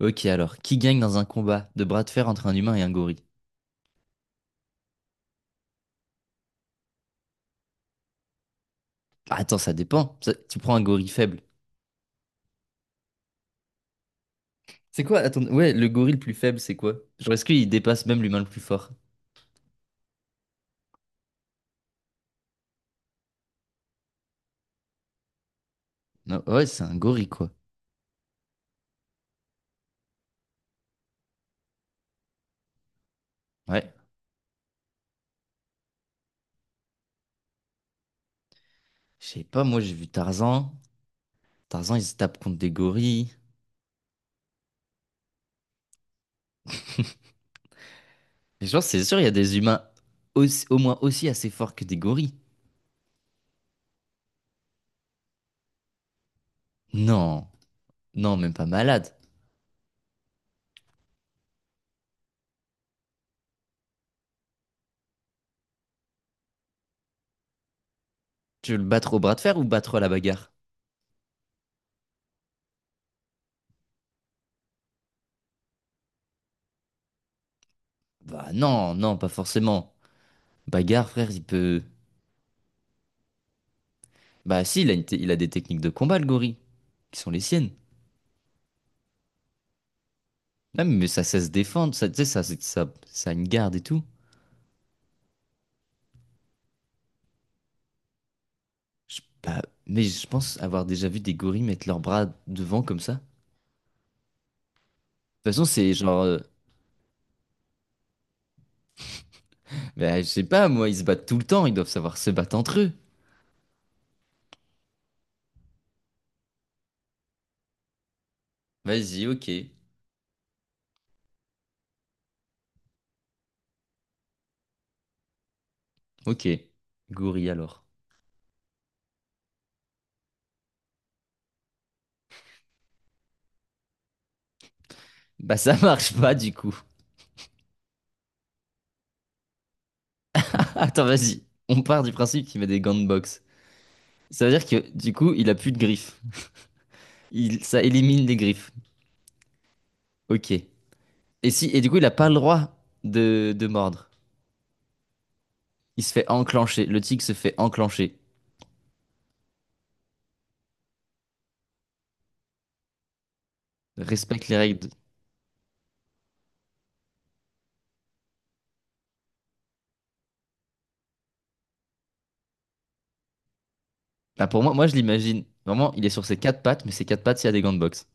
Ok, alors, qui gagne dans un combat de bras de fer entre un humain et un gorille? Ah, attends, ça dépend. Tu prends un gorille faible. C'est quoi? Attends, ouais, le gorille le plus faible, c'est quoi? Genre, est-ce qu'il dépasse même l'humain le plus fort? Non, ouais, c'est un gorille, quoi. Ouais. Je sais pas, moi, j'ai vu Tarzan. Tarzan, il se tape contre des gorilles. Et genre, c'est sûr, il y a des humains au moins aussi assez forts que des gorilles. Non, non, même pas malade. Tu veux le battre au bras de fer ou battre à la bagarre? Bah non, non, pas forcément. Bagarre, frère, il peut. Bah si, il a, il a des techniques de combat, le gorille, qui sont les siennes. Non, mais ça sait se défendre, ça, tu sais, ça a une garde et tout. Bah, mais je pense avoir déjà vu des gorilles mettre leurs bras devant comme ça. De toute façon, c'est bah, je sais pas, moi, ils se battent tout le temps, ils doivent savoir se battre entre eux. Vas-y, ok. Ok. Gorille alors. Bah ça marche pas du coup. Attends, vas-y. On part du principe qu'il met des gants de boxe. Ça veut dire que du coup, il a plus de griffes. Il, ça élimine les griffes. Ok. Et si, et du coup, il a pas le droit de mordre. Il se fait enclencher. Le tigre se fait enclencher. Respecte les règles. Là, pour moi, moi, je l'imagine. Vraiment, il est sur ses quatre pattes, mais ses quatre pattes, il y a des gants de boxe.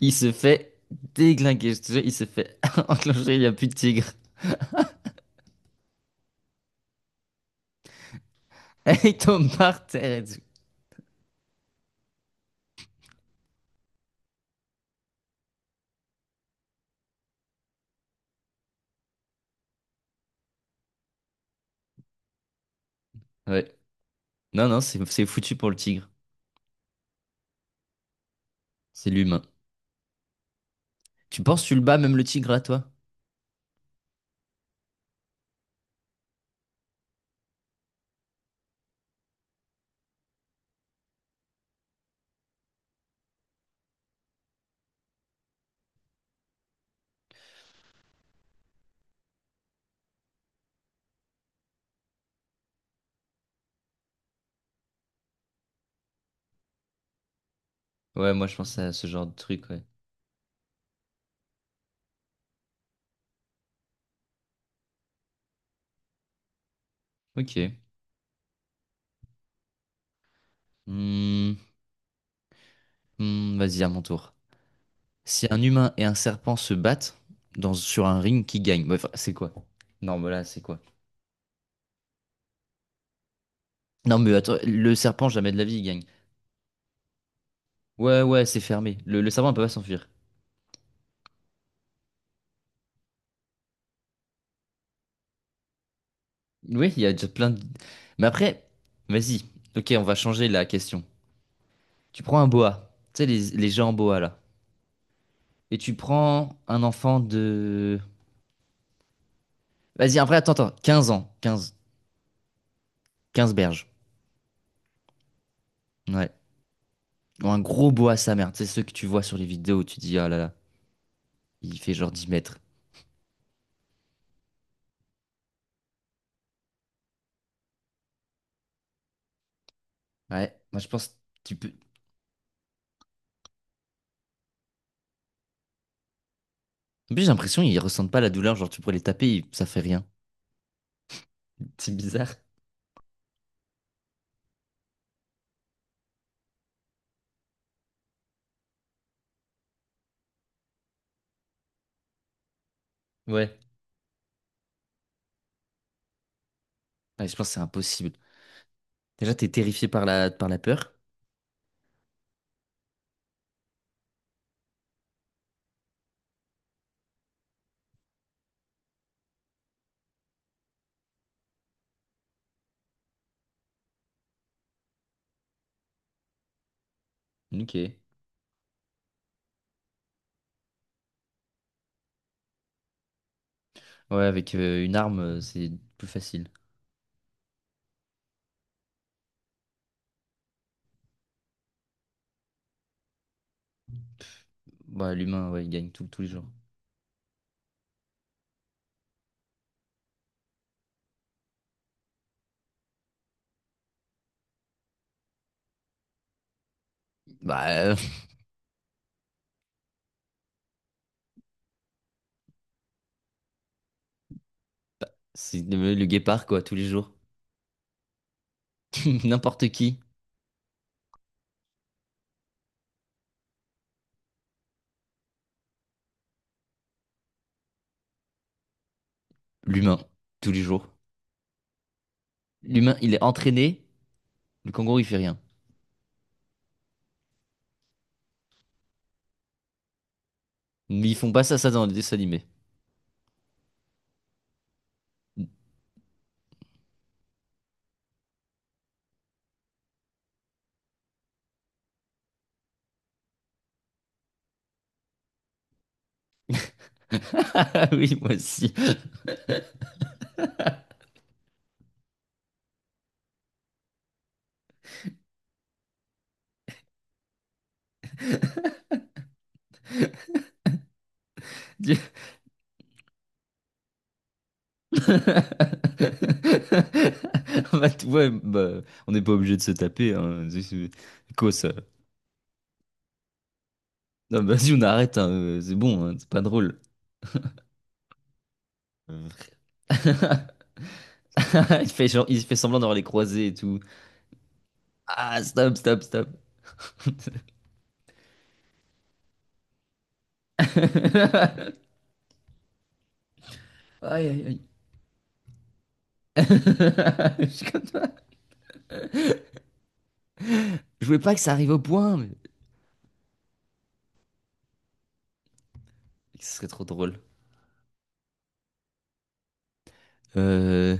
Il se fait déglinguer. Je te jure, il se fait enclencher. Il n'y a plus de tigre. Il tombe par terre et tout. Ouais. Non, non, c'est foutu pour le tigre. C'est l'humain. Tu penses, que tu le bats, même le tigre, à toi? Ouais, moi, je pense à ce genre de truc, ouais. Ok. Hmm, hmm, vas-y, à mon tour. Si un humain et un serpent se battent sur un ring, qui gagne? Ouais, enfin, c'est quoi? Non, mais là, c'est quoi? Non, mais attends, le serpent, jamais de la vie, il gagne. Ouais, ouais, c'est fermé. Le serpent ne peut pas s'enfuir. Oui, il y a déjà plein de... Mais après, vas-y. Ok, on va changer la question. Tu prends un boa. Tu sais, les gens en boa, là. Et tu prends un enfant de... Vas-y, après, attends, attends. 15 ans. 15 berges. Ouais. Ou un gros boa, sa mère. Tu sais, ceux que tu vois sur les vidéos, où tu dis, ah là là, il fait genre 10 mètres. Ouais, moi, je pense... Tu peux. En plus, j'ai l'impression qu'ils ressentent pas la douleur. Genre, tu pourrais les taper, ça fait rien. C'est bizarre. Ouais. Ouais, je pense que c'est impossible. Déjà, t'es terrifié par par la peur. Ok. Ouais, avec une arme, c'est plus facile. Bah, l'humain, ouais, il gagne tous les jours. Bah, c'est le guépard, quoi, tous les jours. N'importe qui. L'humain, tous les jours. L'humain, il est entraîné. Le kangourou, il fait rien. Mais ils font pas ça dans les dessins animés. Oui, moi aussi. Bah, tu vois, bah, on n'est pas obligé de se taper. Hein. Quoi ça? Non, bah, vas-y, on arrête, hein, c'est bon, hein, c'est pas drôle. Euh, il fait, il fait semblant d'avoir les croisés et tout. Ah, stop, stop, stop. Aïe, aïe, aïe. Je suis comme toi. Je voulais pas que ça arrive au point, mais ce serait trop drôle. Euh...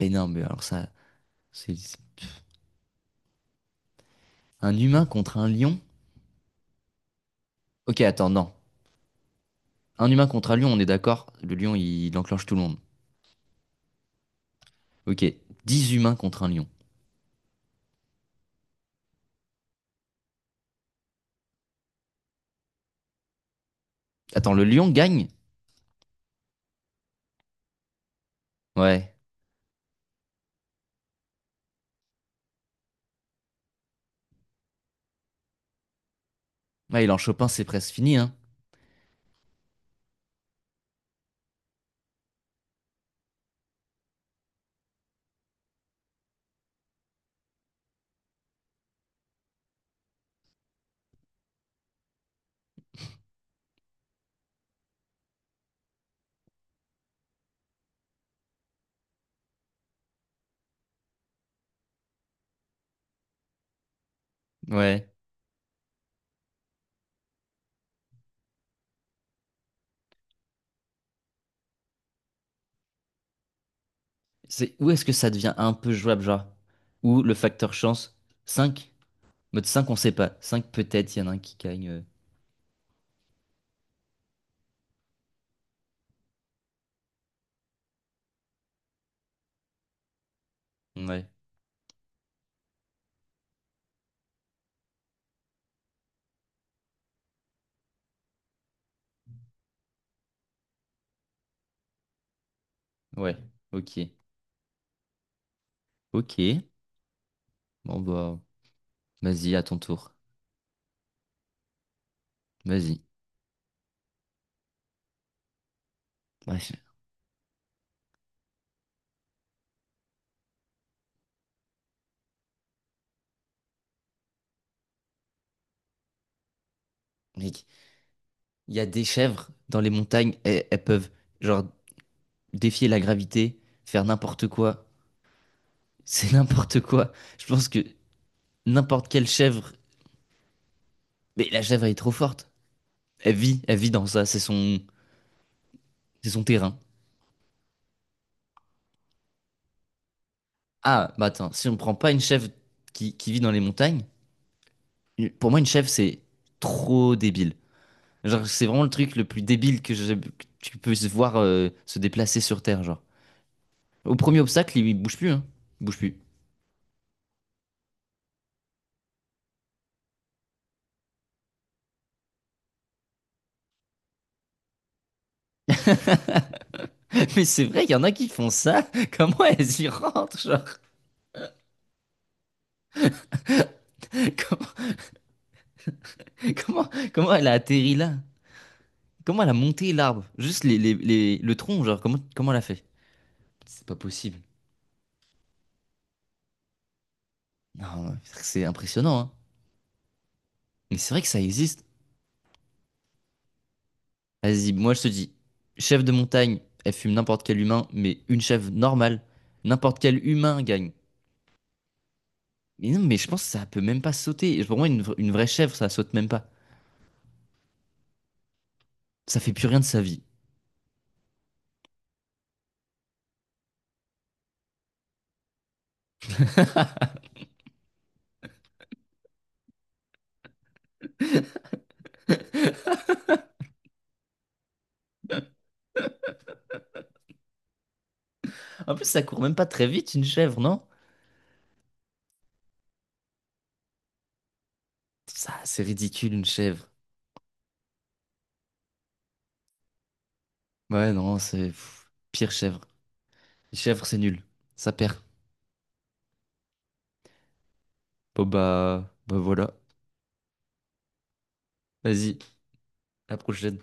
Mais non, mais alors ça, c'est un humain contre un lion? Ok, attends, non. Un humain contre un lion, on est d'accord. Le lion, il enclenche tout le monde. Ok, 10 humains contre un lion. Attends, le lion gagne? Ouais. Ouais, il en chope un, c'est presque fini, hein. Ouais. C'est où est-ce que ça devient un peu jouable, genre? Ou le facteur chance? Cinq? Mode 5, on sait pas. 5, peut-être, il y en a un qui gagne. Ouais. Ouais. Ok. Ok. Bon bah, vas-y, à ton tour. Vas-y. Ouais. Mec, il y a des chèvres dans les montagnes, elles peuvent genre défier la gravité, faire n'importe quoi. C'est n'importe quoi. Je pense que n'importe quelle chèvre. Mais la chèvre, elle est trop forte. Elle vit dans ça. C'est son terrain. Ah, bah attends, si on prend pas une chèvre qui vit dans les montagnes, pour moi, une chèvre, c'est trop débile. Genre, c'est vraiment le truc le plus débile que tu peux se voir se déplacer sur Terre, genre. Au premier obstacle, bouge plus, hein. Il bouge plus. Mais c'est vrai, il y en a qui font ça. Comment elles y rentrent, genre? Comment, comment, comment elle a atterri là? Comment elle a monté l'arbre? Juste le tronc, genre, comment elle a fait? C'est pas possible. Non, c'est impressionnant, hein. Mais c'est vrai que ça existe. Vas-y, moi je te dis, chef de montagne, elle fume n'importe quel humain, mais une chèvre normale, n'importe quel humain gagne. Mais non, mais je pense que ça peut même pas sauter. Et pour moi, une vraie chèvre, ça saute même pas. Ça fait plus rien de sa vie. En plus, ça court même pas très vite, une chèvre, non? Ça, c'est ridicule, une chèvre. Ouais, non, c'est pff, pire chèvre. Les chèvres, c'est nul. Ça perd. Bon, bah, bah voilà. Vas-y, à la prochaine.